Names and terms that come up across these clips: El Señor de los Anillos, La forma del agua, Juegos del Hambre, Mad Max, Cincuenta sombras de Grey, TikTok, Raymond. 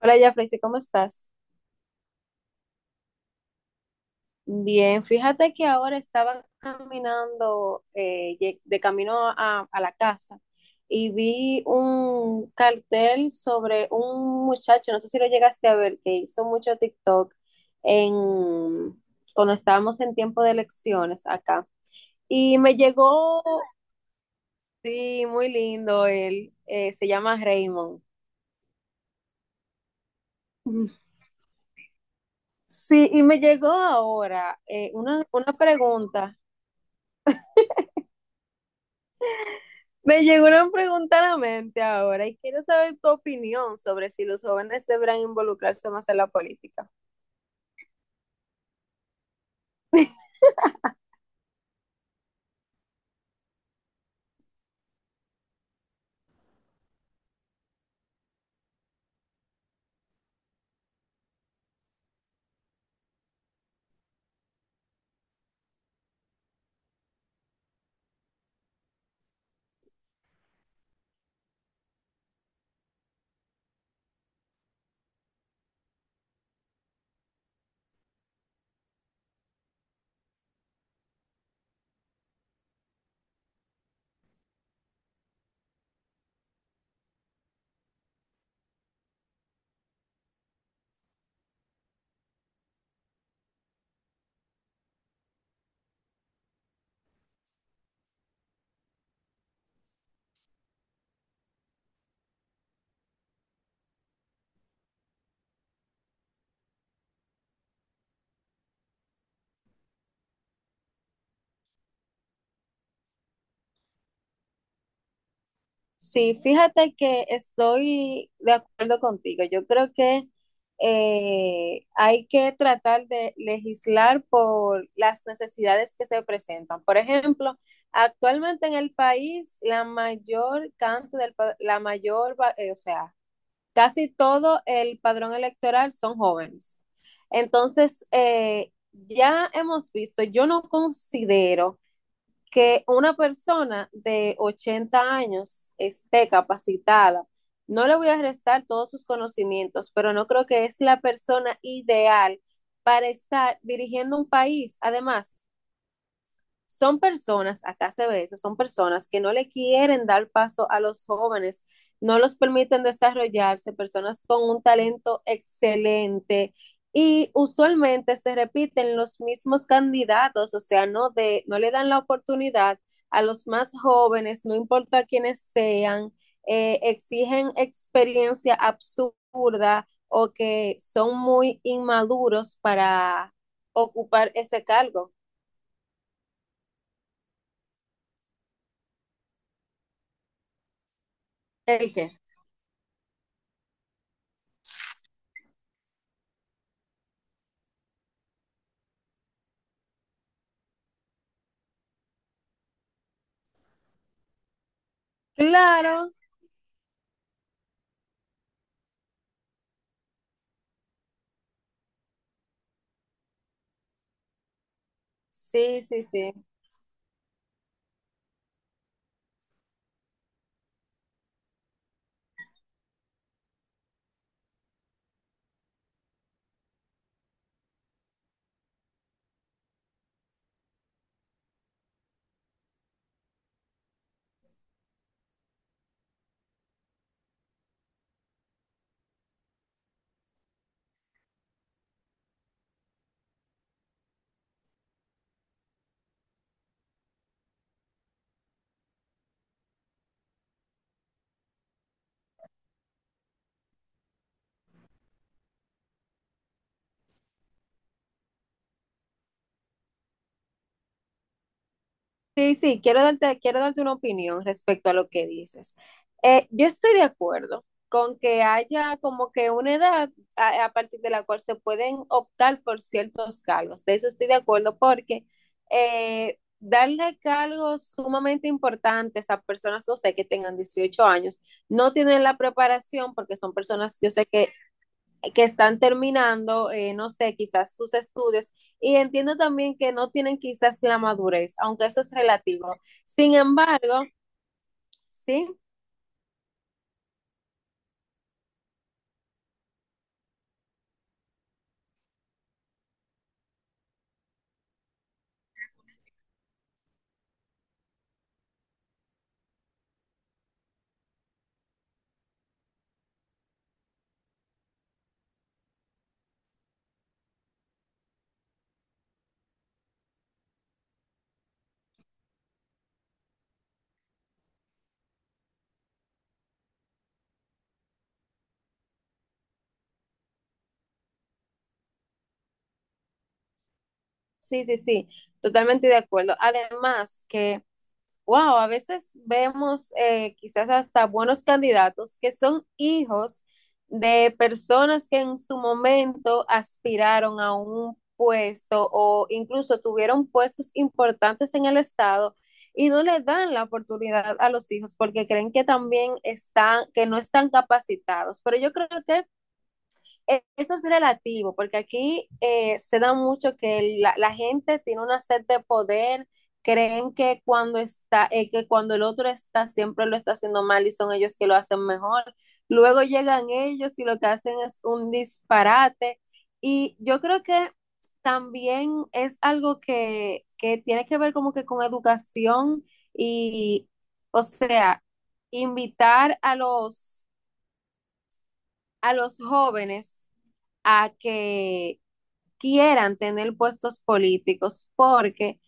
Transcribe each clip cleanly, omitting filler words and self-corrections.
Hola, Jafrey, ¿cómo estás? Bien, fíjate que ahora estaba caminando de camino a la casa y vi un cartel sobre un muchacho, no sé si lo llegaste a ver, que hizo mucho TikTok en, cuando estábamos en tiempo de elecciones acá. Y me llegó, sí, muy lindo él, se llama Raymond. Sí, y me llegó ahora una pregunta. Me llegó una pregunta a la mente ahora y quiero saber tu opinión sobre si los jóvenes deberán involucrarse más en la política. Sí, fíjate que estoy de acuerdo contigo. Yo creo que hay que tratar de legislar por las necesidades que se presentan. Por ejemplo, actualmente en el país, la mayor cantidad del, pa- la mayor, va- o sea, casi todo el padrón electoral son jóvenes. Entonces, ya hemos visto, yo no considero que una persona de 80 años esté capacitada. No le voy a restar todos sus conocimientos, pero no creo que es la persona ideal para estar dirigiendo un país. Además, son personas, acá se ve eso, son personas que no le quieren dar paso a los jóvenes, no los permiten desarrollarse, personas con un talento excelente y usualmente se repiten los mismos candidatos, o sea, no, no le dan la oportunidad a los más jóvenes, no importa quiénes sean, exigen experiencia absurda o que son muy inmaduros para ocupar ese cargo. ¿El qué? Claro, sí, sí, sí. Sí, sí, quiero darte una opinión respecto a lo que dices. Yo estoy de acuerdo con que haya como que una edad a partir de la cual se pueden optar por ciertos cargos. De eso estoy de acuerdo porque darle cargos sumamente importantes a personas, no sé, que tengan 18 años, no tienen la preparación porque son personas, yo sé que están terminando, no sé, quizás sus estudios, y entiendo también que no tienen quizás la madurez, aunque eso es relativo. Sin embargo, sí, sí, sí, sí, totalmente de acuerdo. Además que wow, a veces vemos quizás hasta buenos candidatos que son hijos de personas que en su momento aspiraron a un puesto o incluso tuvieron puestos importantes en el Estado y no le dan la oportunidad a los hijos porque creen que también están, que no están capacitados. Pero yo creo que eso es relativo, porque aquí se da mucho que la gente tiene una sed de poder, creen que cuando el otro está, siempre lo está haciendo mal y son ellos que lo hacen mejor. Luego llegan ellos y lo que hacen es un disparate. Y yo creo que también es algo que tiene que ver como que con educación y, o sea, invitar a los, jóvenes a que quieran tener puestos políticos porque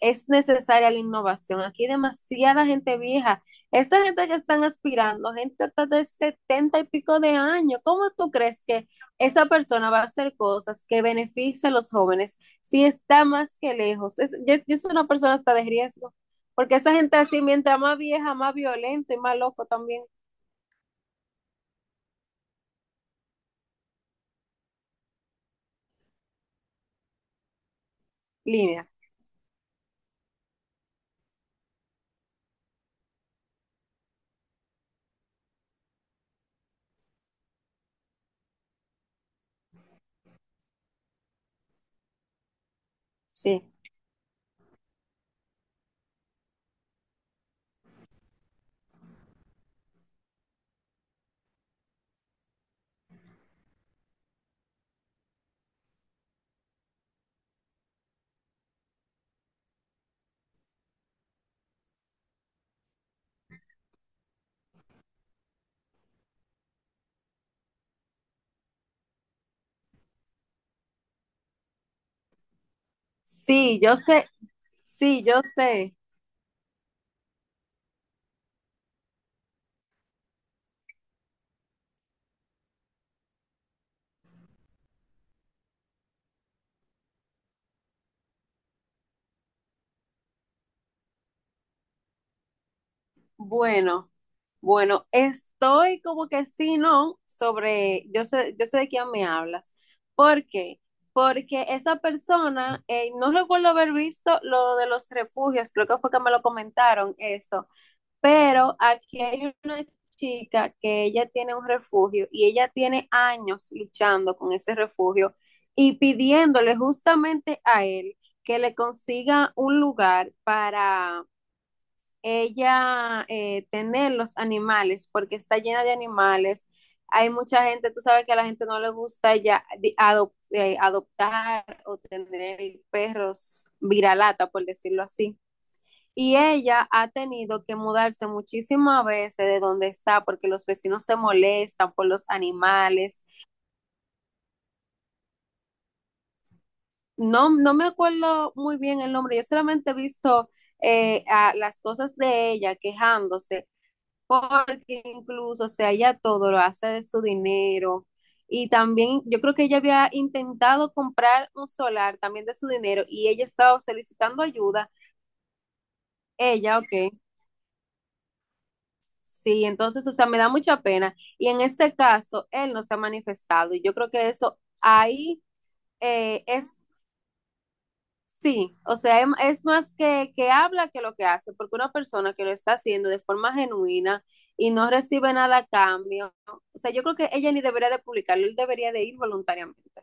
es necesaria la innovación. Aquí hay demasiada gente vieja. Esa gente que están aspirando, gente hasta de setenta y pico de años, ¿cómo tú crees que esa persona va a hacer cosas que beneficien a los jóvenes si está más que lejos? Es una persona hasta de riesgo, porque esa gente así, mientras más vieja, más violenta y más loco también. Línea, sí. Sí, yo sé, sí, yo sé. Bueno, bueno, estoy como que sí, no, sobre, yo sé de quién me hablas. ¿Por qué? Porque esa persona, no recuerdo haber visto lo de los refugios, creo que fue que me lo comentaron eso, pero aquí hay una chica que ella tiene un refugio y ella tiene años luchando con ese refugio y pidiéndole justamente a él que le consiga un lugar ella tener los animales, porque está llena de animales. Hay mucha gente, tú sabes que a la gente no le gusta ya adoptar o tener perros viralata, por decirlo así. Y ella ha tenido que mudarse muchísimas veces de donde está porque los vecinos se molestan por los animales. No, no me acuerdo muy bien el nombre, yo solamente he visto a las cosas de ella quejándose porque incluso, o sea, ella todo lo hace de su dinero. Y también yo creo que ella había intentado comprar un solar también de su dinero y ella estaba solicitando ayuda. Ella, ok. Sí, entonces, o sea, me da mucha pena. Y en ese caso, él no se ha manifestado. Y yo creo que eso ahí es Sí, o sea, es más que habla que lo que hace, porque una persona que lo está haciendo de forma genuina y no recibe nada a cambio, o sea, yo creo que ella ni debería de publicarlo, él debería de ir voluntariamente.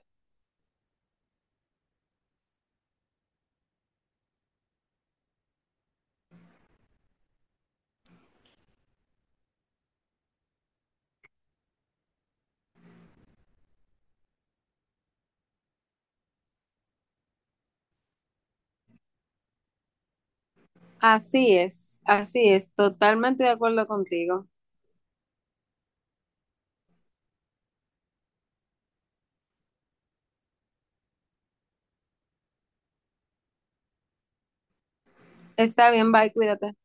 Así es, totalmente de acuerdo contigo. Está bien, bye, cuídate.